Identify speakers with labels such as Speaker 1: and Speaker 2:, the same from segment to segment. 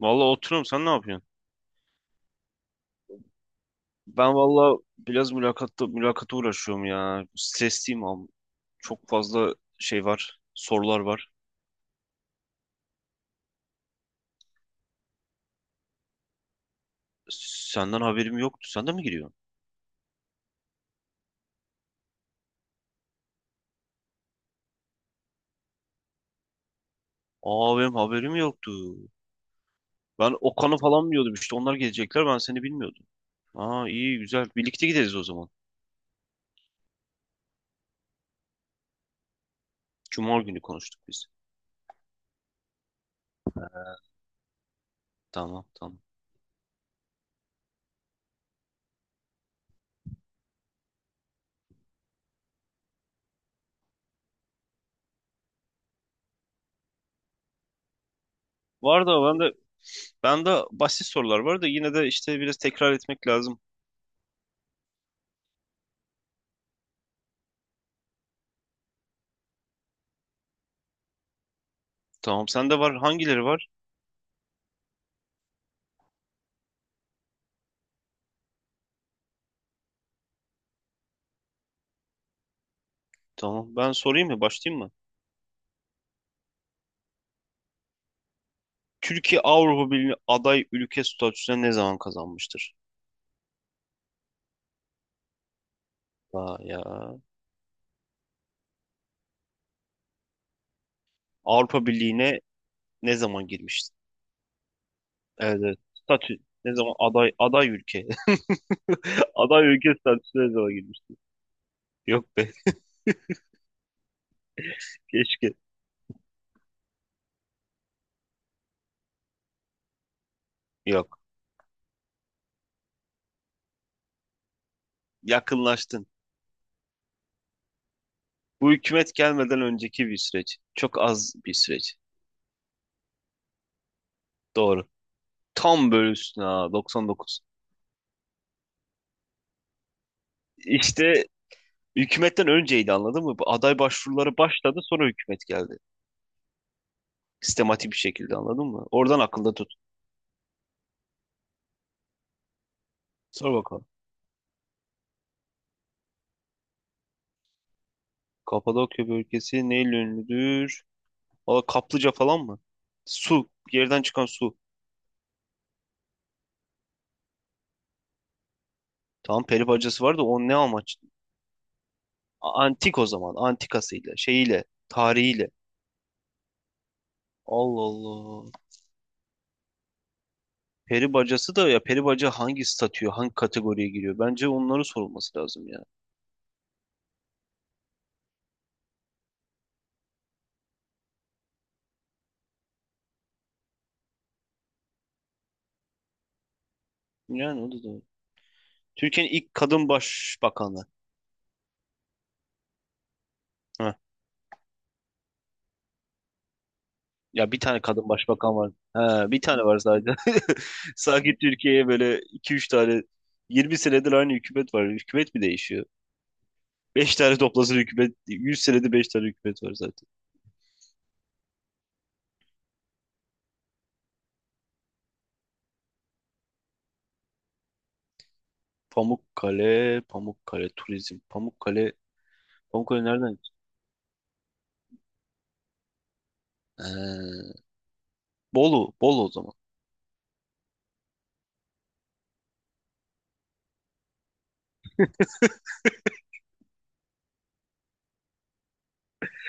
Speaker 1: Vallahi oturuyorum sen ne yapıyorsun? Ben vallahi biraz mülakata uğraşıyorum ya. Stresliyim abi. Çok fazla şey var. Sorular var. Senden haberim yoktu. Sen de mi giriyorsun? Aa benim haberim yoktu. Ben Okan'ı falan biliyordum işte. Onlar gelecekler ben seni bilmiyordum. Aa iyi güzel. Birlikte gideriz o zaman. Cuma günü konuştuk biz. Tamam tamam. Var da ben de basit sorular var da yine de işte biraz tekrar etmek lazım. Tamam sende var. Hangileri var? Tamam ben sorayım mı? Başlayayım mı? Türkiye Avrupa Birliği aday ülke statüsüne ne zaman kazanmıştır? Aa ya. Avrupa Birliği'ne ne zaman girmiştir? Evet, evet. Statü ne zaman aday ülke. Aday ülke statüsüne ne zaman girmiştir? Yok be. Keşke. Yok. Yakınlaştın. Bu hükümet gelmeden önceki bir süreç. Çok az bir süreç. Doğru. Tam böyle üstüne ha, 99. İşte hükümetten önceydi anladın mı? Bu aday başvuruları başladı sonra hükümet geldi sistematik bir şekilde anladın mı? Oradan akılda tut. Sor bakalım. Kapadokya bölgesi neyle ünlüdür? Valla kaplıca falan mı? Su. Yerden çıkan su. Tamam peri bacası var da o ne amaç? Antik o zaman. Antikasıyla, şeyiyle, tarihiyle. Allah Allah. Peri bacası da ya peri baca hangi statüye, hangi kategoriye giriyor? Bence onları sorulması lazım ya. Yani o da doğru. Türkiye'nin ilk kadın başbakanı. Heh. Ya bir tane kadın başbakan var. He, bir tane var sadece. Sanki Türkiye'ye böyle iki üç tane 20 senedir aynı hükümet var. Hükümet mi değişiyor? Beş tane toplasın hükümet. 100 senedir 5 tane hükümet var zaten. Pamukkale, Pamukkale Turizm. Pamukkale, Pamukkale nereden? Ee, Bolu, Bolu o zaman.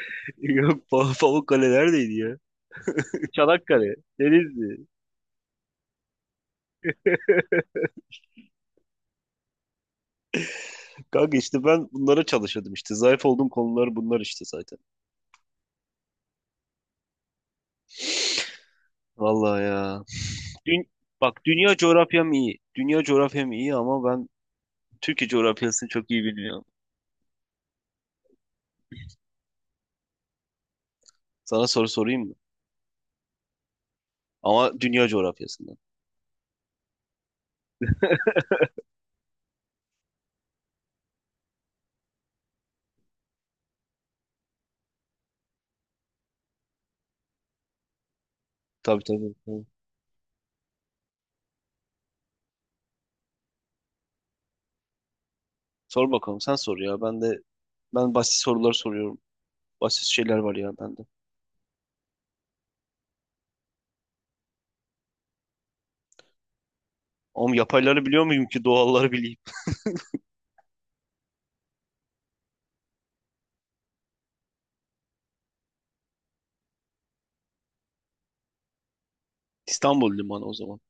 Speaker 1: Yok, Pamukkale neredeydi ya? Çanakkale, Denizli. Kanka işte ben bunlara çalışıyordum işte. Zayıf olduğum konular bunlar işte zaten. Vallahi ya. Dün, bak dünya coğrafyam iyi. Dünya coğrafyam iyi ama ben Türkiye coğrafyasını çok iyi bilmiyorum. Sana soru sorayım mı? Ama dünya coğrafyasından. Tabii tabii. Tabii. Sor bakalım sen sor ya. Ben de ben basit sorular soruyorum. Basit şeyler var ya bende. Ama yapayları biliyor muyum ki doğalları bileyim? İstanbul Limanı o zaman.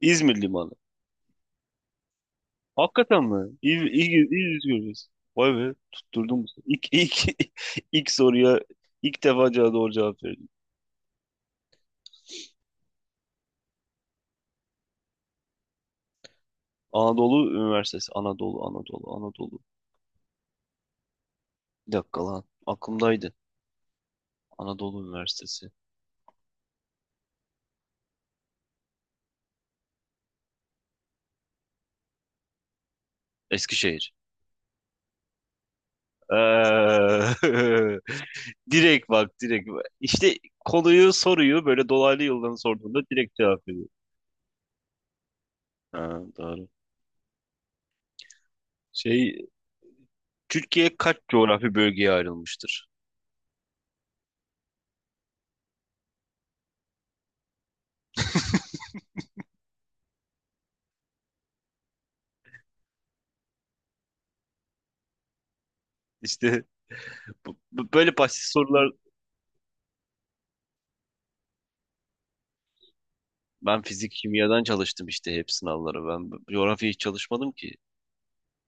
Speaker 1: İzmir Limanı. Hakikaten mi? İyi, iyi, iyi izliyoruz. Vay be tutturdum bu sefer. İlk, ilk, ilk soruya ilk defa doğru cevap verdim. Anadolu Üniversitesi. Anadolu, Anadolu, Anadolu. Bir dakika lan. Aklımdaydı. Anadolu Üniversitesi. Eskişehir. Eee, direkt bak direkt. Bak. İşte konuyu soruyu böyle dolaylı yoldan sorduğunda direkt cevap veriyor. Ha, doğru. Şey, Türkiye kaç coğrafi bölgeye ayrılmıştır? İşte böyle basit sorular, ben fizik kimyadan çalıştım işte hep sınavları. Ben coğrafya hiç çalışmadım ki.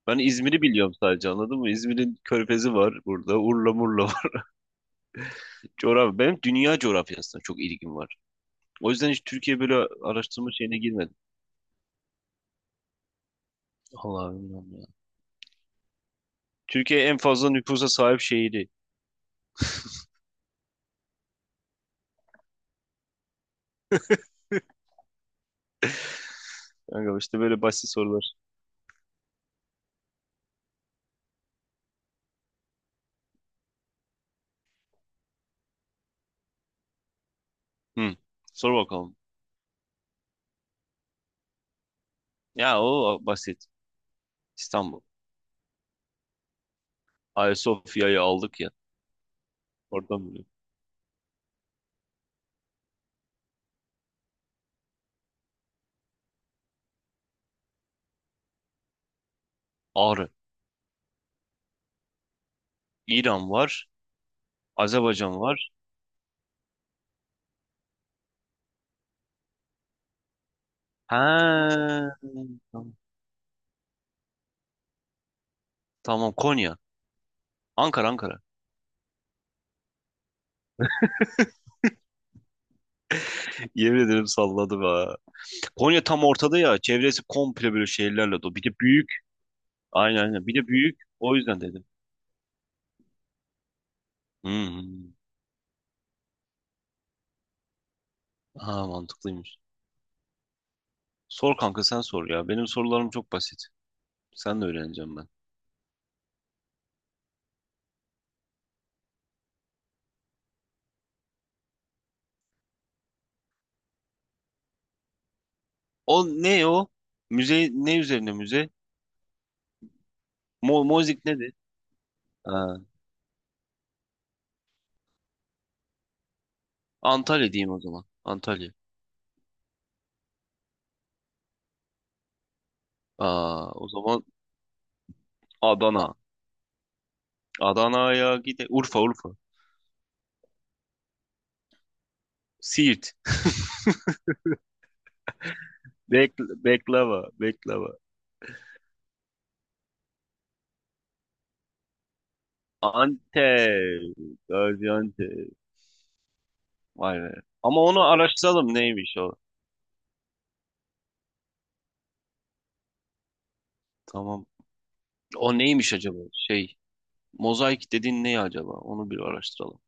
Speaker 1: Ben İzmir'i biliyorum sadece anladın mı? İzmir'in körfezi var burada. Urla murla var. Coğrafya. Benim dünya coğrafyasına çok ilgim var. O yüzden hiç Türkiye böyle araştırma şeyine girmedim. Allah bilmiyorum, Türkiye en fazla nüfusa sahip şehri. Kanka işte böyle basit sorular. Hı. Sor bakalım. Ya o basit. İstanbul. Ayasofya'yı aldık ya. Oradan böyle. Ağrı. İran var. Azerbaycan var. He. Tamam. Tamam, Konya. Ankara. Yemin ederim salladı be. Konya tam ortada ya. Çevresi komple böyle şehirlerle dolu. Bir de büyük. Aynen aynen. Bir de büyük. O yüzden dedim. Hmm. Ha, mantıklıymış. Sor kanka sen sor ya. Benim sorularım çok basit. Sen de öğreneceğim ben. O ne o? Müze ne üzerine müze? Mo Mozik nedir? Ha, Antalya diyeyim o zaman. Antalya. Aa, o zaman Adana. Adana'ya gide. Urfa Urfa. Siirt. Bek Beklava. Beklava. Antep. Gaziantep. Vay be. Ama onu araştıralım neymiş o. Tamam. O neymiş acaba? Şey. Mozaik dediğin ne acaba? Onu bir araştıralım.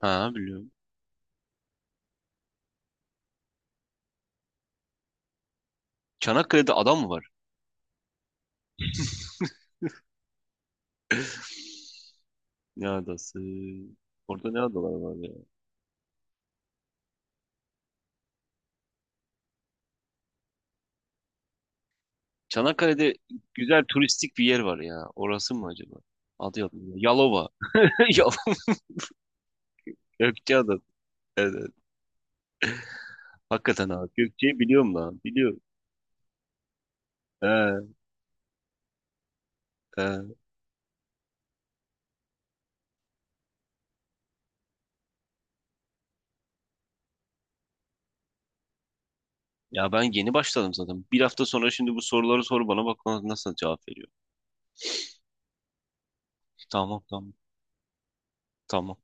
Speaker 1: Ha, biliyorum. Çanakkale'de ada mı var? Ne adası? Orada ne adalar var ya? Çanakkale'de güzel turistik bir yer var ya. Orası mı acaba? Adı yok. Yalova. Yalova. Gökçeada. Evet. Evet. Hakikaten abi. Gökçe'yi biliyorum lan. Biliyorum. He, he. Ya ben yeni başladım zaten. Bir hafta sonra şimdi bu soruları sor bana, bak ona nasıl cevap veriyor. Tamam tamam. Tamam.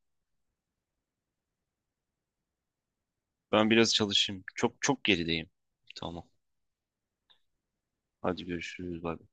Speaker 1: Ben biraz çalışayım. Çok çok gerideyim. Tamam. Hadi görüşürüz. Bay bay.